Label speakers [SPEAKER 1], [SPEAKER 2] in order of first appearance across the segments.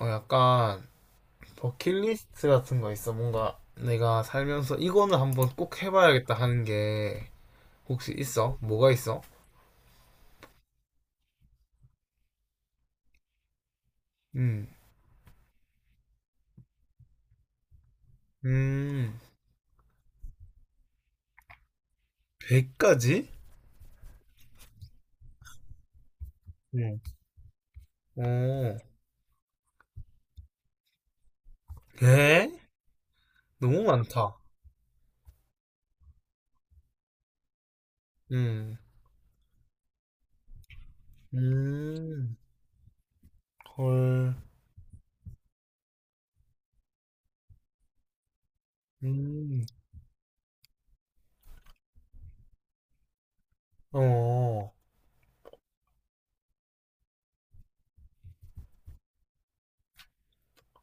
[SPEAKER 1] 약간 버킷리스트 같은 거 있어? 뭔가 내가 살면서 이거는 한번 꼭 해봐야겠다 하는 게 혹시 있어? 뭐가 있어? 음, 음, 100가지? 응. 오, 예? 너무 많다. 음, 음, 헐, 음, 어,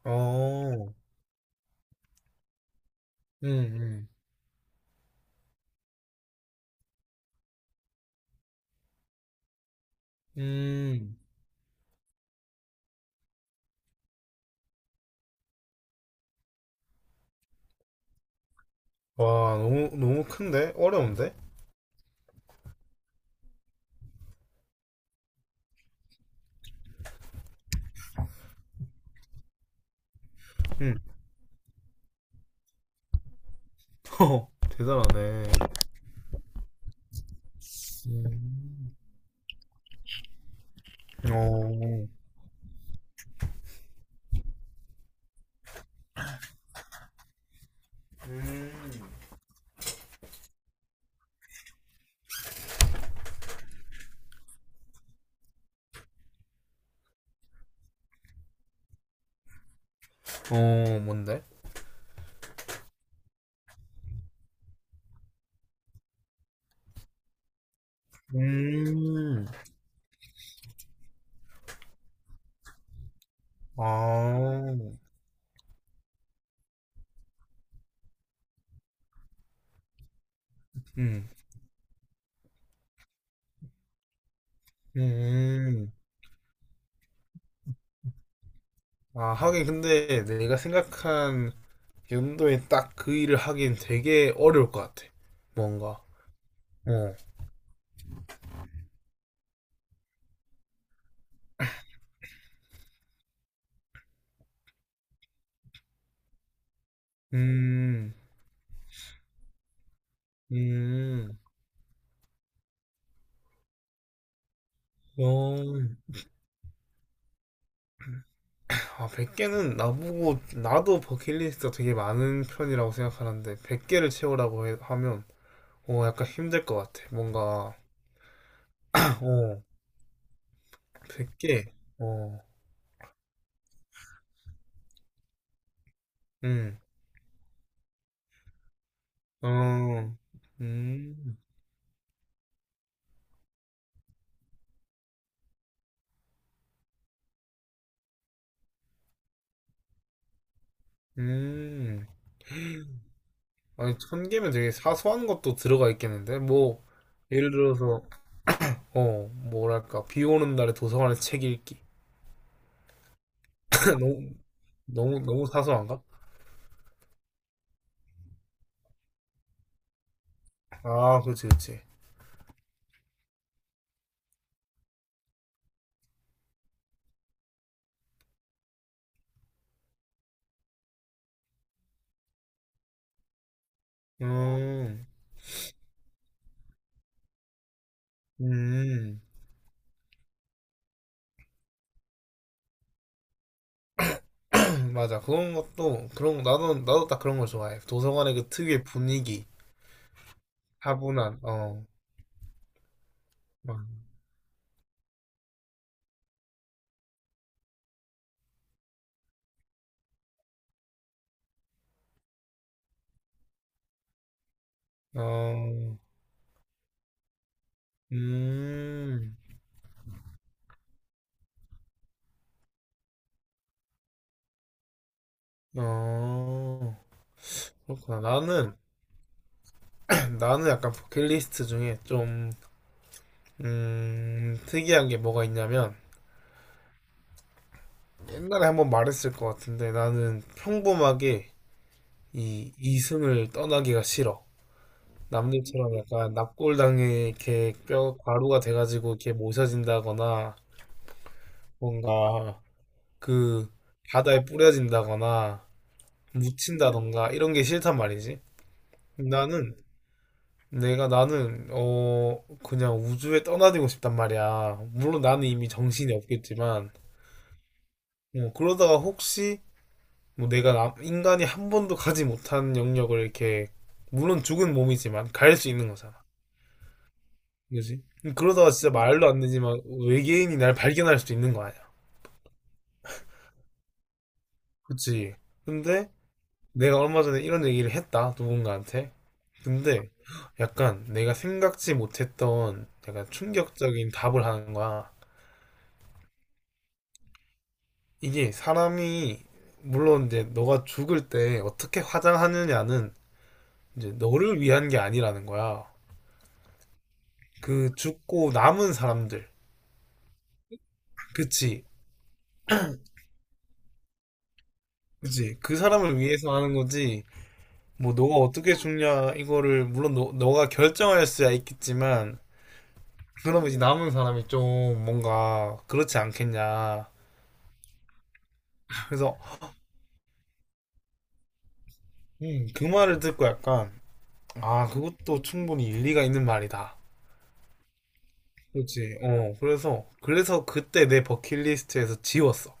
[SPEAKER 1] 어, 음, 음, 음. 와, 너무 큰데? 어려운데? 음, 허, 대단하네. 음, 어. 음. 어, 뭔데? 음. 아. 음. 음. 아, 하긴. 근데 내가 생각한 연도에 딱 그 일을 하긴 되게 어려울 것 같아. 뭔가. 어. 음. 음. 어. 아, 100개는, 나보고 나도 버킷리스트가 되게 많은 편이라고 생각하는데 100개를 채우라고 하면 어, 약간 힘들 것 같아. 뭔가. 어. 100개. 어. 음. 어, 음, 음. 아니, 천 개면 되게 사소한 것도 들어가 있겠는데? 뭐, 예를 들어서, 어, 뭐랄까, 비 오는 날에 도서관에서 책 읽기. 너무, 너무 사소한가? 아, 그렇지, 그렇지. 음, 음. 맞아. 그런 것도, 그런, 나도, 나도 딱 그런 걸 좋아해. 도서관의 그 특유의 분위기, 차분한, 어, 막, 어, 음, 어, 그렇구나. 나는 약간 버킷리스트 중에 좀 특이한 게 뭐가 있냐면, 옛날에 한번 말했을 것 같은데, 나는 평범하게 이 이승을 떠나기가 싫어. 남들처럼 약간 납골당에 이렇게 뼈 가루가 돼가지고 이렇게 모셔진다거나, 뭔가 그 바다에 뿌려진다거나 묻힌다던가 이런 게 싫단 말이지. 나는, 내가 나는 어, 그냥 우주에 떠나들고 싶단 말이야. 물론 나는 이미 정신이 없겠지만, 뭐 그러다가 혹시 뭐 내가 인간이 한 번도 가지 못한 영역을 이렇게, 물론 죽은 몸이지만 갈 수 있는 거잖아. 그지? 그러다가 진짜 말도 안 되지만 외계인이 날 발견할 수도 있는 거 아니야. 그치? 근데 내가 얼마 전에 이런 얘기를 했다, 누군가한테. 근데 약간 내가 생각지 못했던 약간 충격적인 답을 하는 거야. 이게 사람이 물론 이제 너가 죽을 때 어떻게 화장하느냐는 이제 너를 위한 게 아니라는 거야. 그 죽고 남은 사람들. 그치. 그치. 그 사람을 위해서 하는 거지. 뭐, 너가 어떻게 죽냐, 이거를, 물론 너가 결정할 수야 있겠지만, 그러면 이제 남은 사람이 좀 뭔가 그렇지 않겠냐. 그래서, 그 말을 듣고 약간, 아, 그것도 충분히 일리가 있는 말이다. 그렇지. 어, 그래서 그때 내 버킷리스트에서 지웠어.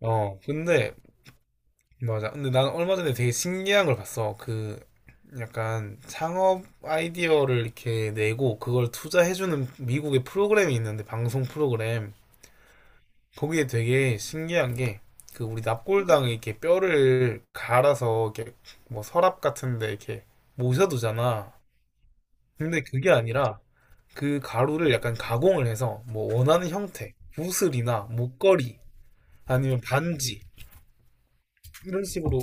[SPEAKER 1] 어, 근데 맞아. 근데 난 얼마 전에 되게 신기한 걸 봤어. 그 약간 창업 아이디어를 이렇게 내고 그걸 투자해주는 미국의 프로그램이 있는데, 방송 프로그램. 거기에 되게 신기한 게, 그 우리 납골당에 이렇게 뼈를 갈아서 이렇게 뭐 서랍 같은데 이렇게 모셔두잖아. 근데 그게 아니라 그 가루를 약간 가공을 해서 뭐 원하는 형태, 구슬이나 목걸이 아니면 반지 이런 식으로,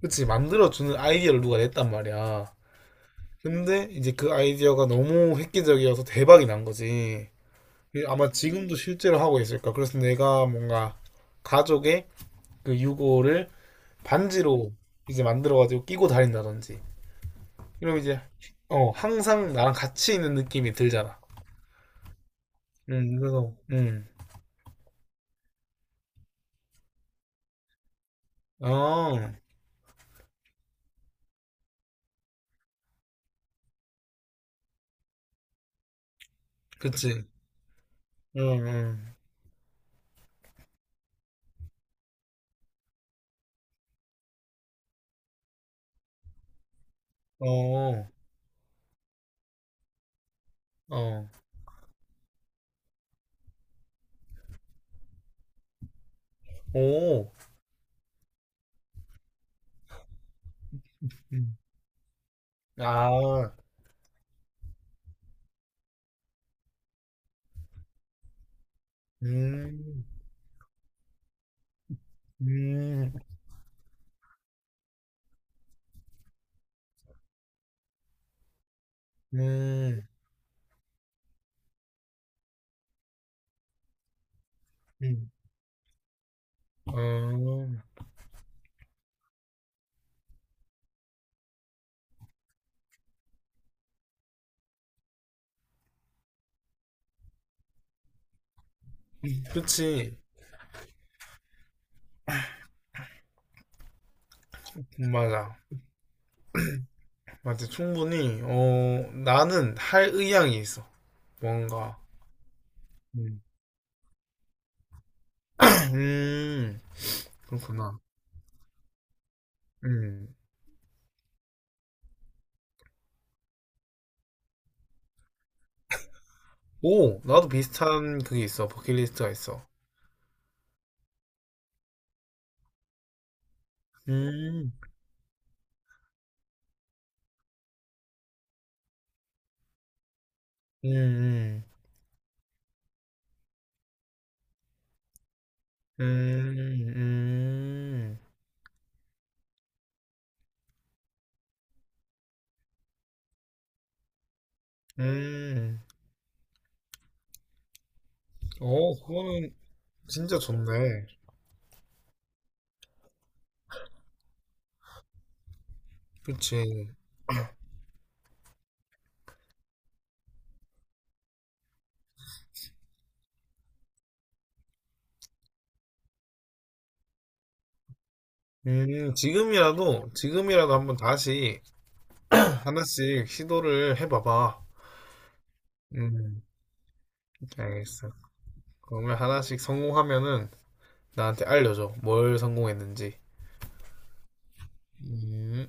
[SPEAKER 1] 그치, 만들어주는 아이디어를 누가 냈단 말이야. 근데 이제 그 아이디어가 너무 획기적이어서 대박이 난 거지. 그 아마 지금도 실제로 하고 있을까. 그래서 내가 뭔가 가족의 그 유골을 반지로 이제 만들어가지고 끼고 다닌다든지. 이러면 이제, 어, 항상 나랑 같이 있는 느낌이 들잖아. 그래서, 어, 그치. 응, 응. 어, 어. 오. 음. 아, 음, 음, 음, 음. 어. 그치. 맞아. 맞아. 충분히, 어, 나는 할 의향이 있어. 뭔가. 음, 음, 그렇구나. 음. 오, 나도 비슷한 그게 있어. 버킷리스트가 있어. 음, 음, 음, 음, 음. 음. 어, 그거는 진짜 좋네. 그치. 지금이라도 한번 다시 하나씩 시도를 해봐봐. 음, 알겠어. 그러면 하나씩 성공하면은 나한테 알려줘. 뭘 성공했는지. 음.